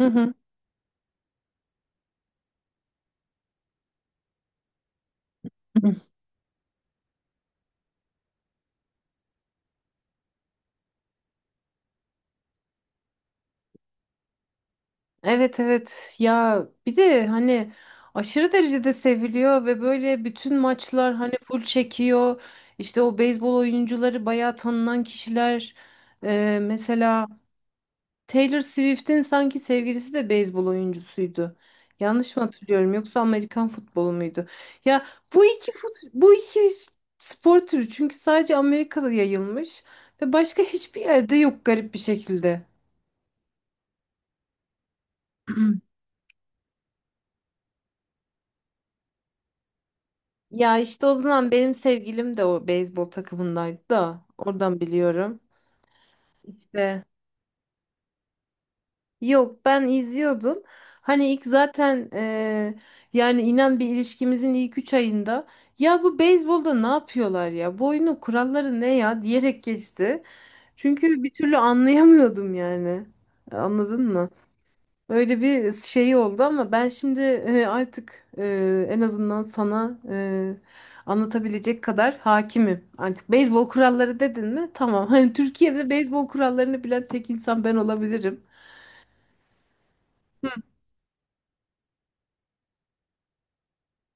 Hı hı. Evet, evet, ya bir de hani aşırı derecede seviliyor ve böyle bütün maçlar hani full çekiyor. İşte o beyzbol oyuncuları bayağı tanınan kişiler. Mesela Taylor Swift'in sanki sevgilisi de beyzbol oyuncusuydu. Yanlış mı hatırlıyorum yoksa Amerikan futbolu muydu? Ya bu iki spor türü çünkü sadece Amerika'da yayılmış ve başka hiçbir yerde yok garip bir şekilde. Ya işte o zaman benim sevgilim de o beyzbol takımındaydı da oradan biliyorum. İşte yok, ben izliyordum. Hani ilk zaten yani inan bir ilişkimizin ilk 3 ayında ya bu beyzbolda ne yapıyorlar, ya bu oyunun kuralları ne ya diyerek geçti. Çünkü bir türlü anlayamıyordum yani. Anladın mı? Böyle bir şey oldu ama ben şimdi artık, en azından sana anlatabilecek kadar hakimim. Artık beyzbol kuralları dedin mi? Tamam. Hani Türkiye'de beyzbol kurallarını bilen tek insan ben olabilirim.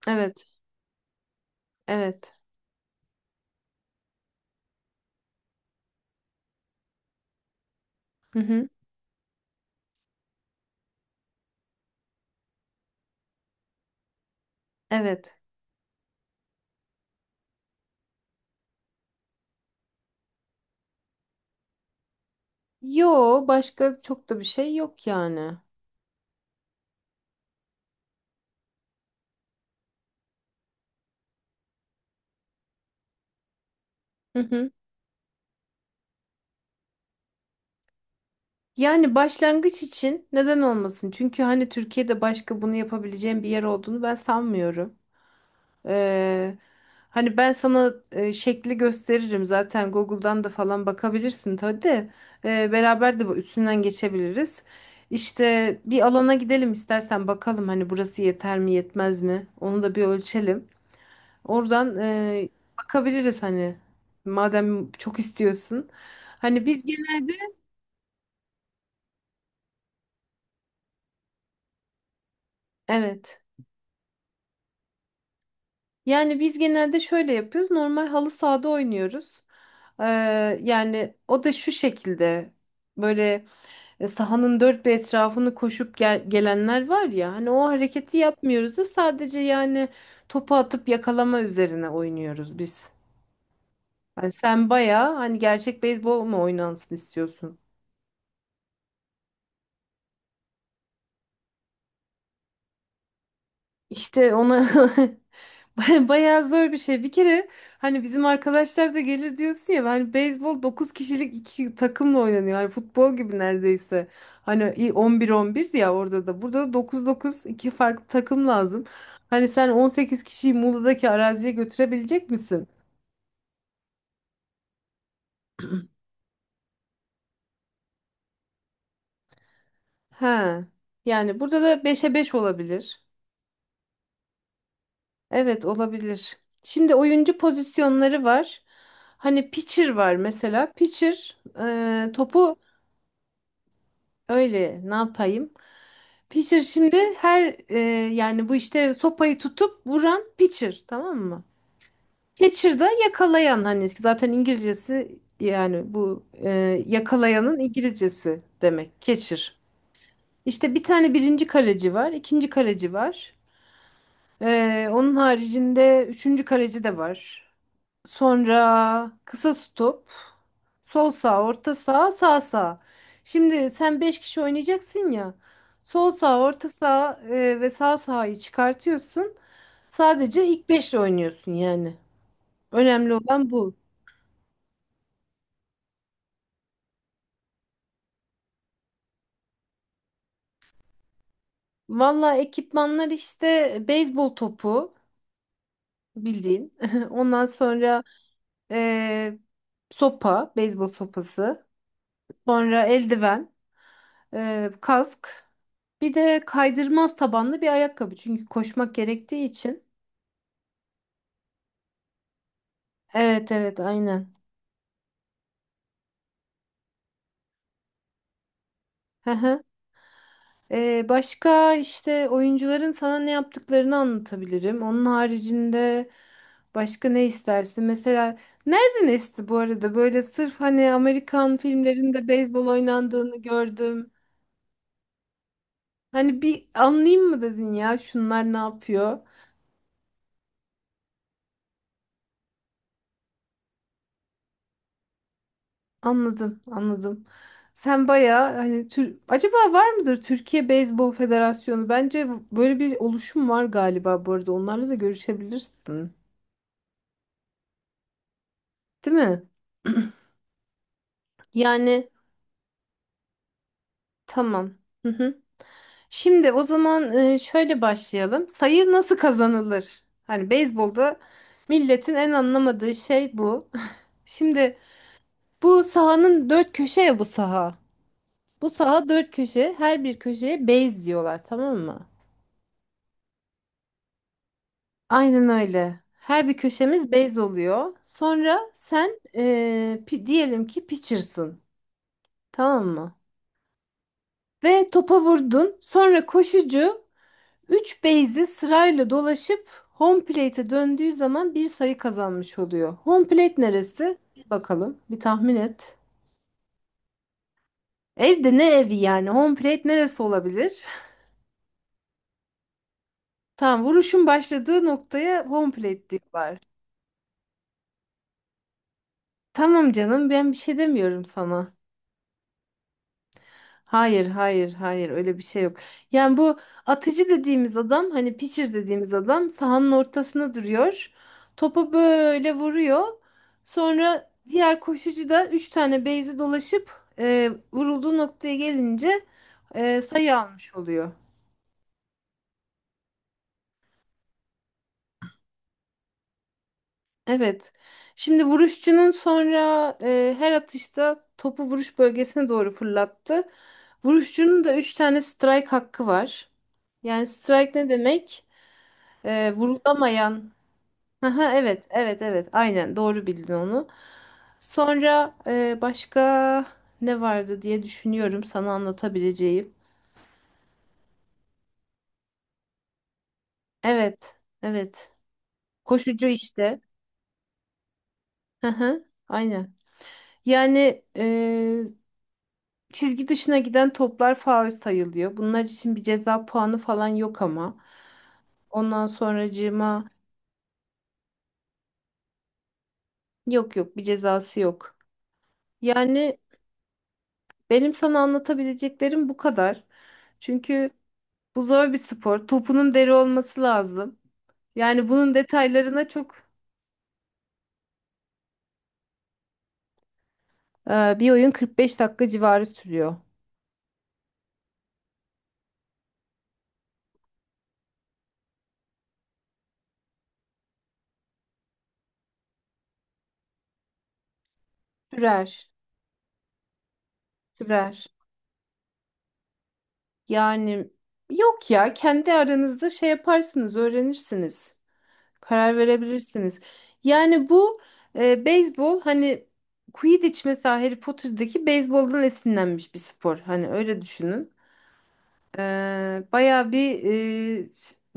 Evet, evet. Hı hı. Evet. Yo, başka çok da bir şey yok yani. Hı hı. Yani başlangıç için neden olmasın? Çünkü hani Türkiye'de başka bunu yapabileceğim bir yer olduğunu ben sanmıyorum. Ee, Hani ben sana şekli gösteririm, zaten Google'dan da falan bakabilirsin tabii de. Beraber de bu üstünden geçebiliriz. İşte bir alana gidelim istersen, bakalım hani burası yeter mi yetmez mi, onu da bir ölçelim. Oradan bakabiliriz hani, madem çok istiyorsun. Hani biz genelde, evet, yani biz genelde şöyle yapıyoruz, normal halı sahada oynuyoruz. Ee, Yani o da şu şekilde böyle. E, sahanın dört bir etrafını koşup gelenler var ya, hani o hareketi yapmıyoruz da sadece yani topu atıp yakalama üzerine oynuyoruz biz. Hani sen bayağı hani gerçek beyzbol mu oynansın istiyorsun? İşte ona bayağı zor bir şey. Bir kere hani bizim arkadaşlar da gelir diyorsun ya, hani beyzbol 9 kişilik iki takımla oynanıyor. Hani futbol gibi neredeyse. Hani 11 11 ya orada da. Burada da dokuz 9 iki farklı takım lazım. Hani sen 18 kişiyi Muğla'daki araziye götürebilecek misin? Ha. Yani burada da 5'e 5 olabilir. Evet, olabilir. Şimdi oyuncu pozisyonları var. Hani pitcher var mesela. Pitcher topu. Öyle ne yapayım? Pitcher şimdi her yani bu işte sopayı tutup vuran pitcher, tamam mı? Catcher da yakalayan, hani zaten İngilizcesi, yani bu yakalayanın İngilizcesi demek catcher. İşte bir tane birinci kaleci var, ikinci kaleci var. Onun haricinde üçüncü kaleci de var. Sonra kısa stop. Sol sağ, orta sağ, sağ sağ. Şimdi sen 5 kişi oynayacaksın ya. Sol sağ, orta sağ ve sağ sağyı çıkartıyorsun. Sadece ilk beşle oynuyorsun yani. Önemli olan bu. Valla ekipmanlar işte beyzbol topu, bildiğin. Ondan sonra e, sopa, beyzbol sopası. Sonra eldiven. Kask. Bir de kaydırmaz tabanlı bir ayakkabı. Çünkü koşmak gerektiği için. Evet, evet, aynen. Hı hı. Başka işte oyuncuların sana ne yaptıklarını anlatabilirim. Onun haricinde başka ne istersin? Mesela nereden esti bu arada? Böyle sırf hani Amerikan filmlerinde beyzbol oynandığını gördüm. Hani bir anlayayım mı dedin ya şunlar ne yapıyor? Anladım, anladım. Sen bayağı hani tür acaba var mıdır Türkiye Beyzbol Federasyonu? Bence böyle bir oluşum var galiba bu arada. Onlarla da görüşebilirsin. Değil mi? Yani tamam. Hı hı. Şimdi o zaman şöyle başlayalım. Sayı nasıl kazanılır? Hani beyzbolda milletin en anlamadığı şey bu. Şimdi bu sahanın dört köşe ya bu saha. Bu saha dört köşe. Her bir köşeye base diyorlar, tamam mı? Aynen öyle. Her bir köşemiz bez oluyor. Sonra sen diyelim ki pitcher'sın. Tamam mı? Ve topa vurdun. Sonra koşucu 3 base'i sırayla dolaşıp home plate'e döndüğü zaman bir sayı kazanmış oluyor. Home plate neresi? Bir bakalım. Bir tahmin et. Evde ne evi yani? Home plate neresi olabilir? Tamam, vuruşun başladığı noktaya home plate diyorlar. Tamam canım, ben bir şey demiyorum sana. Hayır, hayır, hayır, öyle bir şey yok. Yani bu atıcı dediğimiz adam, hani pitcher dediğimiz adam, sahanın ortasına duruyor. Topa böyle vuruyor. Sonra diğer koşucu da 3 tane base'i dolaşıp vurulduğu noktaya gelince sayı almış oluyor. Evet. Şimdi vuruşçunun sonra her atışta topu vuruş bölgesine doğru fırlattı. Vuruşçunun da 3 tane strike hakkı var. Yani strike ne demek? Vurulamayan. Aha, evet, evet, evet. Aynen, doğru bildin onu. Sonra başka ne vardı diye düşünüyorum sana anlatabileceğim. Evet, evet. Koşucu işte. Aha, aynen. Yani çizgi dışına giden toplar faul sayılıyor. Bunlar için bir ceza puanı falan yok ama. Ondan sonracığıma yok, yok, bir cezası yok. Yani benim sana anlatabileceklerim bu kadar. Çünkü bu zor bir spor. Topunun deri olması lazım. Yani bunun detaylarına çok. Bir oyun 45 dakika civarı sürüyor. Sürer, sürer. Yani yok ya, kendi aranızda şey yaparsınız, öğrenirsiniz. Karar verebilirsiniz. Yani bu beyzbol, hani Quidditch mesela Harry Potter'daki beyzboldan esinlenmiş bir spor. Hani öyle düşünün. Bayağı bir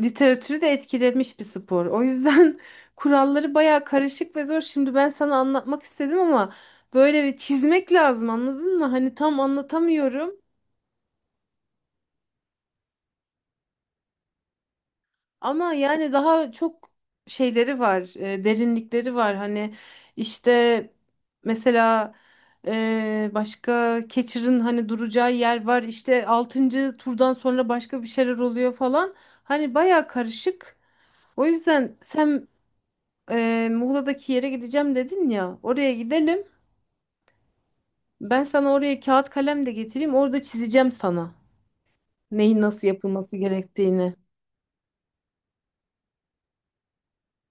literatürü de etkilemiş bir spor. O yüzden kuralları bayağı karışık ve zor. Şimdi ben sana anlatmak istedim ama böyle bir çizmek lazım, anladın mı? Hani tam anlatamıyorum ama yani daha çok şeyleri var, derinlikleri var. Hani işte mesela başka Catcher'ın hani duracağı yer var. İşte altıncı turdan sonra başka bir şeyler oluyor falan. Hani bayağı karışık. O yüzden sen Muğla'daki yere gideceğim dedin ya. Oraya gidelim. Ben sana oraya kağıt kalem de getireyim. Orada çizeceğim sana. Neyin nasıl yapılması gerektiğini.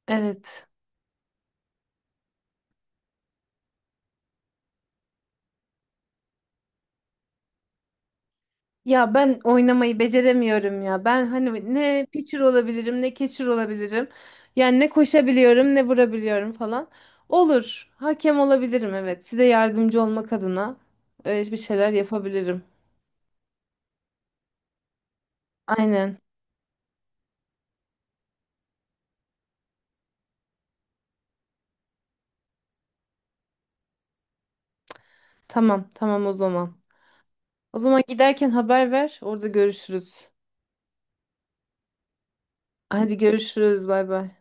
Evet. Ya ben oynamayı beceremiyorum ya. Ben hani ne pitcher olabilirim ne catcher olabilirim. Yani ne koşabiliyorum ne vurabiliyorum falan. Olur. Hakem olabilirim, evet. Size yardımcı olmak adına öyle bir şeyler yapabilirim. Aynen. Tamam, tamam, o zaman. O zaman giderken haber ver. Orada görüşürüz. Hadi, görüşürüz. Bay bay.